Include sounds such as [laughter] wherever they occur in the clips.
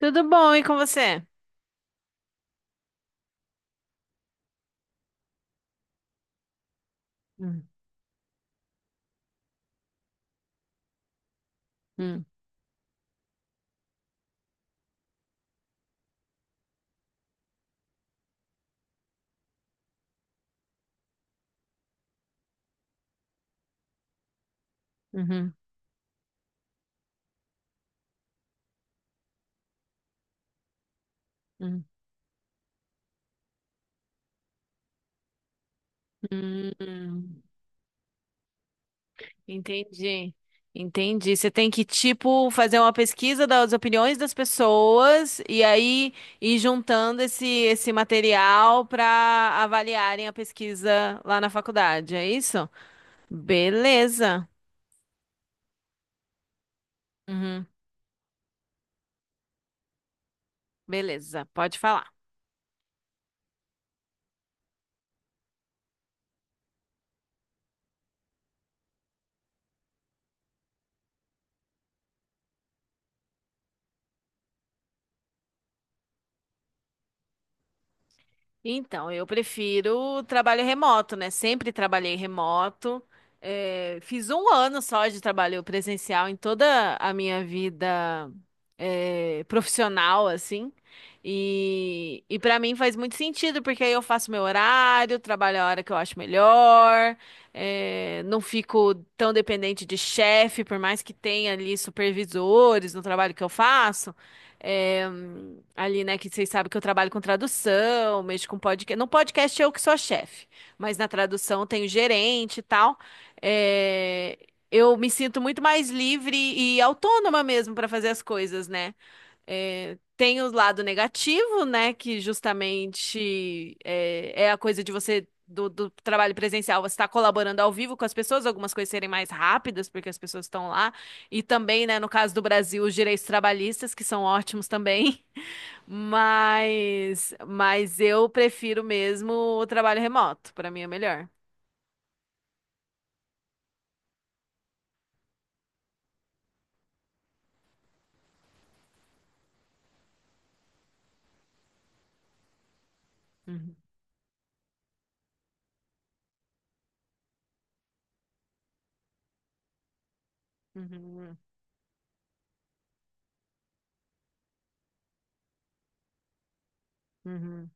Tudo bom, e com você? Hum, hum, uhum, hum, hum. Entendi, entendi. Você tem que, tipo, fazer uma pesquisa das opiniões das pessoas e aí ir juntando esse material para avaliarem a pesquisa lá na faculdade, é isso? Beleza. Uhum, beleza, pode falar. Então, eu prefiro trabalho remoto, né? Sempre trabalhei remoto. É, fiz um ano só de trabalho presencial em toda a minha vida, é, profissional, assim. E para mim faz muito sentido, porque aí eu faço meu horário, trabalho a hora que eu acho melhor, é, não fico tão dependente de chefe, por mais que tenha ali supervisores no trabalho que eu faço. É, ali, né, que vocês sabem que eu trabalho com tradução, mexo com podcast. No podcast eu que sou a chefe, mas na tradução eu tenho gerente e tal. É, eu me sinto muito mais livre e autônoma mesmo para fazer as coisas, né? É, tem o lado negativo, né? Que justamente é a coisa de você, do trabalho presencial, você está colaborando ao vivo com as pessoas, algumas coisas serem mais rápidas, porque as pessoas estão lá. E também, né, no caso do Brasil, os direitos trabalhistas, que são ótimos também. [laughs] Mas eu prefiro mesmo o trabalho remoto. Para mim é melhor. Uhum, uhum, uhum.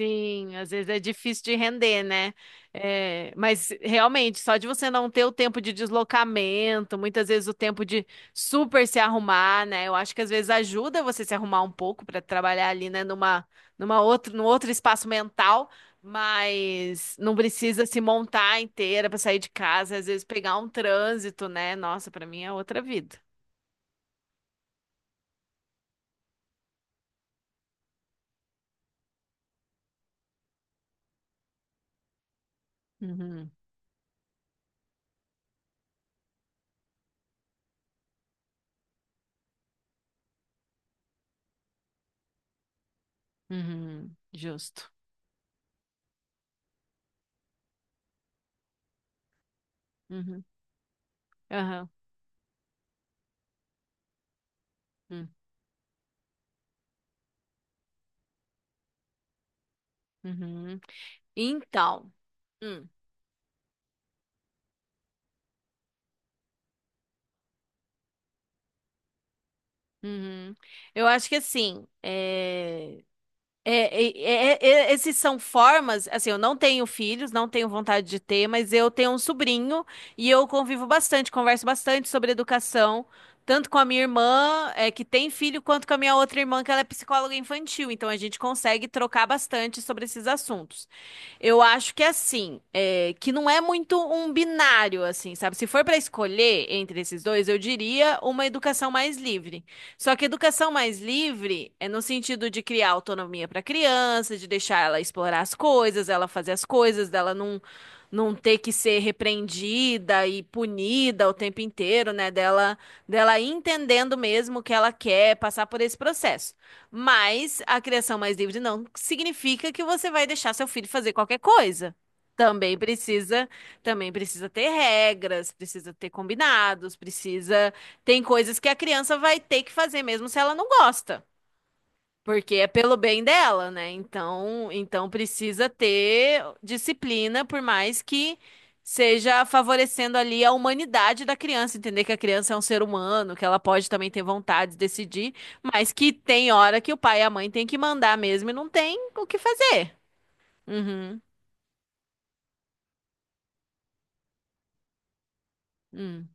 Sim, às vezes é difícil de render, né? É, mas realmente, só de você não ter o tempo de deslocamento, muitas vezes o tempo de super se arrumar, né? Eu acho que às vezes ajuda você se arrumar um pouco para trabalhar ali, né, num outro espaço mental, mas não precisa se montar inteira para sair de casa, às vezes pegar um trânsito, né? Nossa, para mim é outra vida. Uhum, uhum, justo. Uhum, aham, hum, uhum. Então. Hum. Uhum. Eu acho que assim, é- esses são formas, assim, eu não tenho filhos, não tenho vontade de ter, mas eu tenho um sobrinho e eu convivo bastante, converso bastante sobre educação, tanto com a minha irmã, é, que tem filho, quanto com a minha outra irmã, que ela é psicóloga infantil, então a gente consegue trocar bastante sobre esses assuntos. Eu acho que é assim, é, que não é muito um binário, assim, sabe? Se for para escolher entre esses dois, eu diria uma educação mais livre. Só que educação mais livre é no sentido de criar autonomia para a criança, de deixar ela explorar as coisas, ela fazer as coisas, dela não, não ter que ser repreendida e punida o tempo inteiro, né? Dela ir entendendo mesmo o que ela quer, passar por esse processo. Mas a criação mais livre não significa que você vai deixar seu filho fazer qualquer coisa. Também precisa, também precisa ter regras, precisa ter combinados, tem coisas que a criança vai ter que fazer mesmo se ela não gosta. Porque é pelo bem dela, né? Então precisa ter disciplina, por mais que seja favorecendo ali a humanidade da criança, entender que a criança é um ser humano, que ela pode também ter vontade de decidir, mas que tem hora que o pai e a mãe têm que mandar mesmo e não tem o que fazer. Uhum, uhum,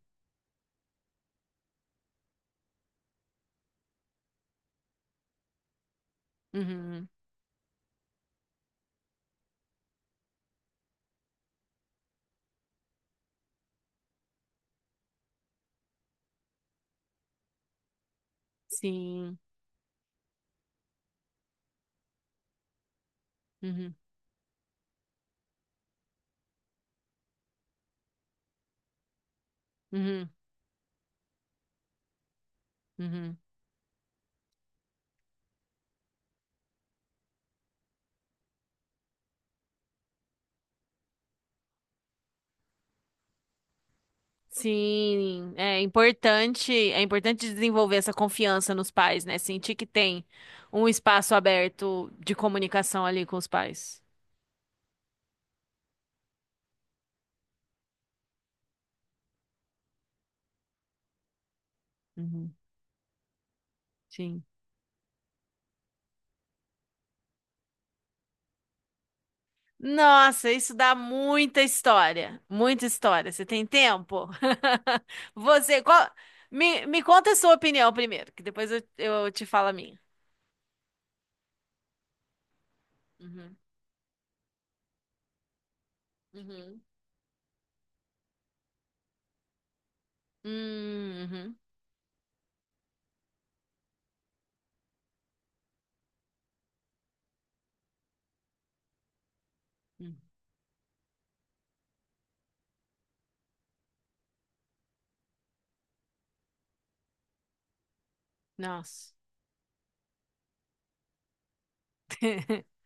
uhum, hum. Sim, uhum, uhum, uhum. Sim, é, importante, é importante desenvolver essa confiança nos pais, né? Sentir que tem um espaço aberto de comunicação ali com os pais. Uhum, sim. Nossa, isso dá muita história, muita história. Você tem tempo? [laughs] Você, qual- me conta a sua opinião primeiro, que depois eu, te falo a minha. Uhum, uhum, uhum, hum. Nossa. [laughs]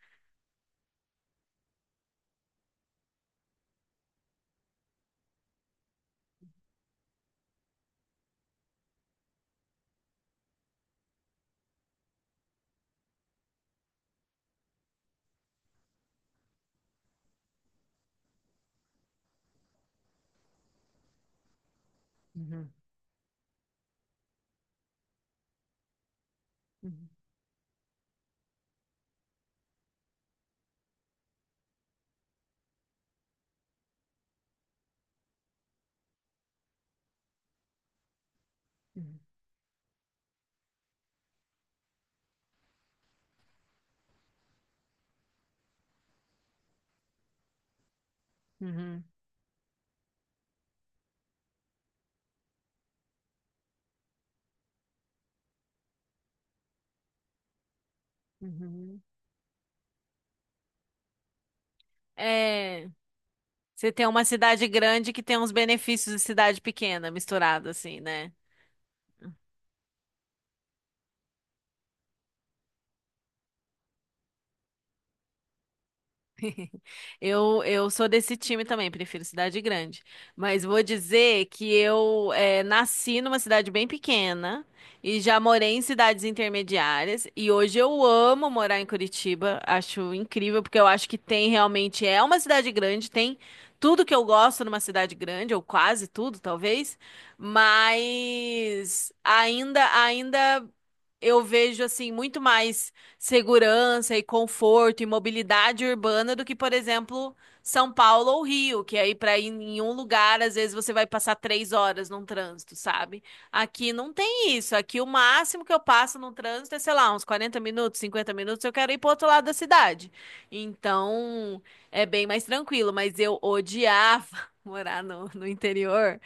Uhum, uhum, uhum, uhum, uhum. É. Você tem uma cidade grande que tem uns benefícios de cidade pequena, misturado assim, né? Eu sou desse time também, prefiro cidade grande. Mas vou dizer que eu nasci numa cidade bem pequena e já morei em cidades intermediárias. E hoje eu amo morar em Curitiba, acho incrível, porque eu acho que tem realmente, é uma cidade grande, tem tudo que eu gosto numa cidade grande, ou quase tudo, talvez. Mas ainda, eu vejo assim muito mais segurança e conforto e mobilidade urbana do que, por exemplo, São Paulo ou Rio, que aí para ir em um lugar, às vezes você vai passar 3 horas num trânsito, sabe? Aqui não tem isso. Aqui o máximo que eu passo num trânsito é, sei lá, uns 40 minutos, 50 minutos, eu quero ir pro outro lado da cidade. Então, é bem mais tranquilo, mas eu odiava [laughs] morar no interior.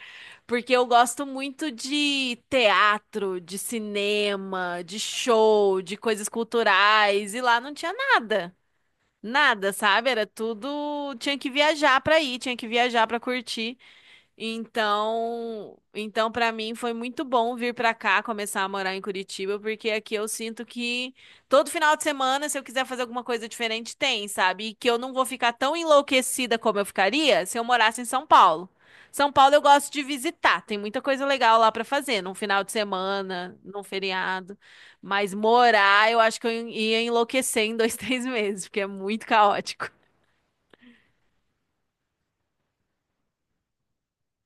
Porque eu gosto muito de teatro, de cinema, de show, de coisas culturais, e lá não tinha nada. Nada, sabe? Era tudo. Tinha que viajar pra ir, tinha que viajar pra curtir. Então para mim foi muito bom vir para cá, começar a morar em Curitiba, porque aqui eu sinto que todo final de semana, se eu quiser fazer alguma coisa diferente, tem, sabe? E que eu não vou ficar tão enlouquecida como eu ficaria se eu morasse em São Paulo. São Paulo eu gosto de visitar, tem muita coisa legal lá para fazer, num final de semana, num feriado, mas morar, eu acho que eu ia enlouquecer em 2, [laughs] 3 meses, porque é muito caótico.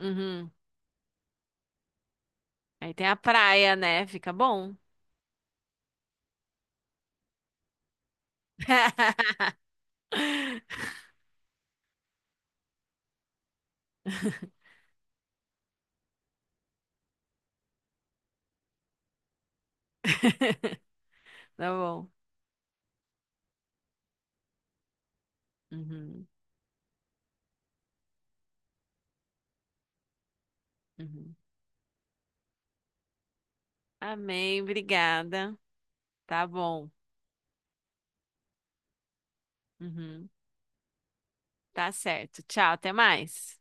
Uhum. Aí tem a praia, né? Fica bom. [laughs] [laughs] Tá bom. Uhum, uhum. Amém, obrigada. Tá bom. Uhum, tá certo. Tchau, até mais.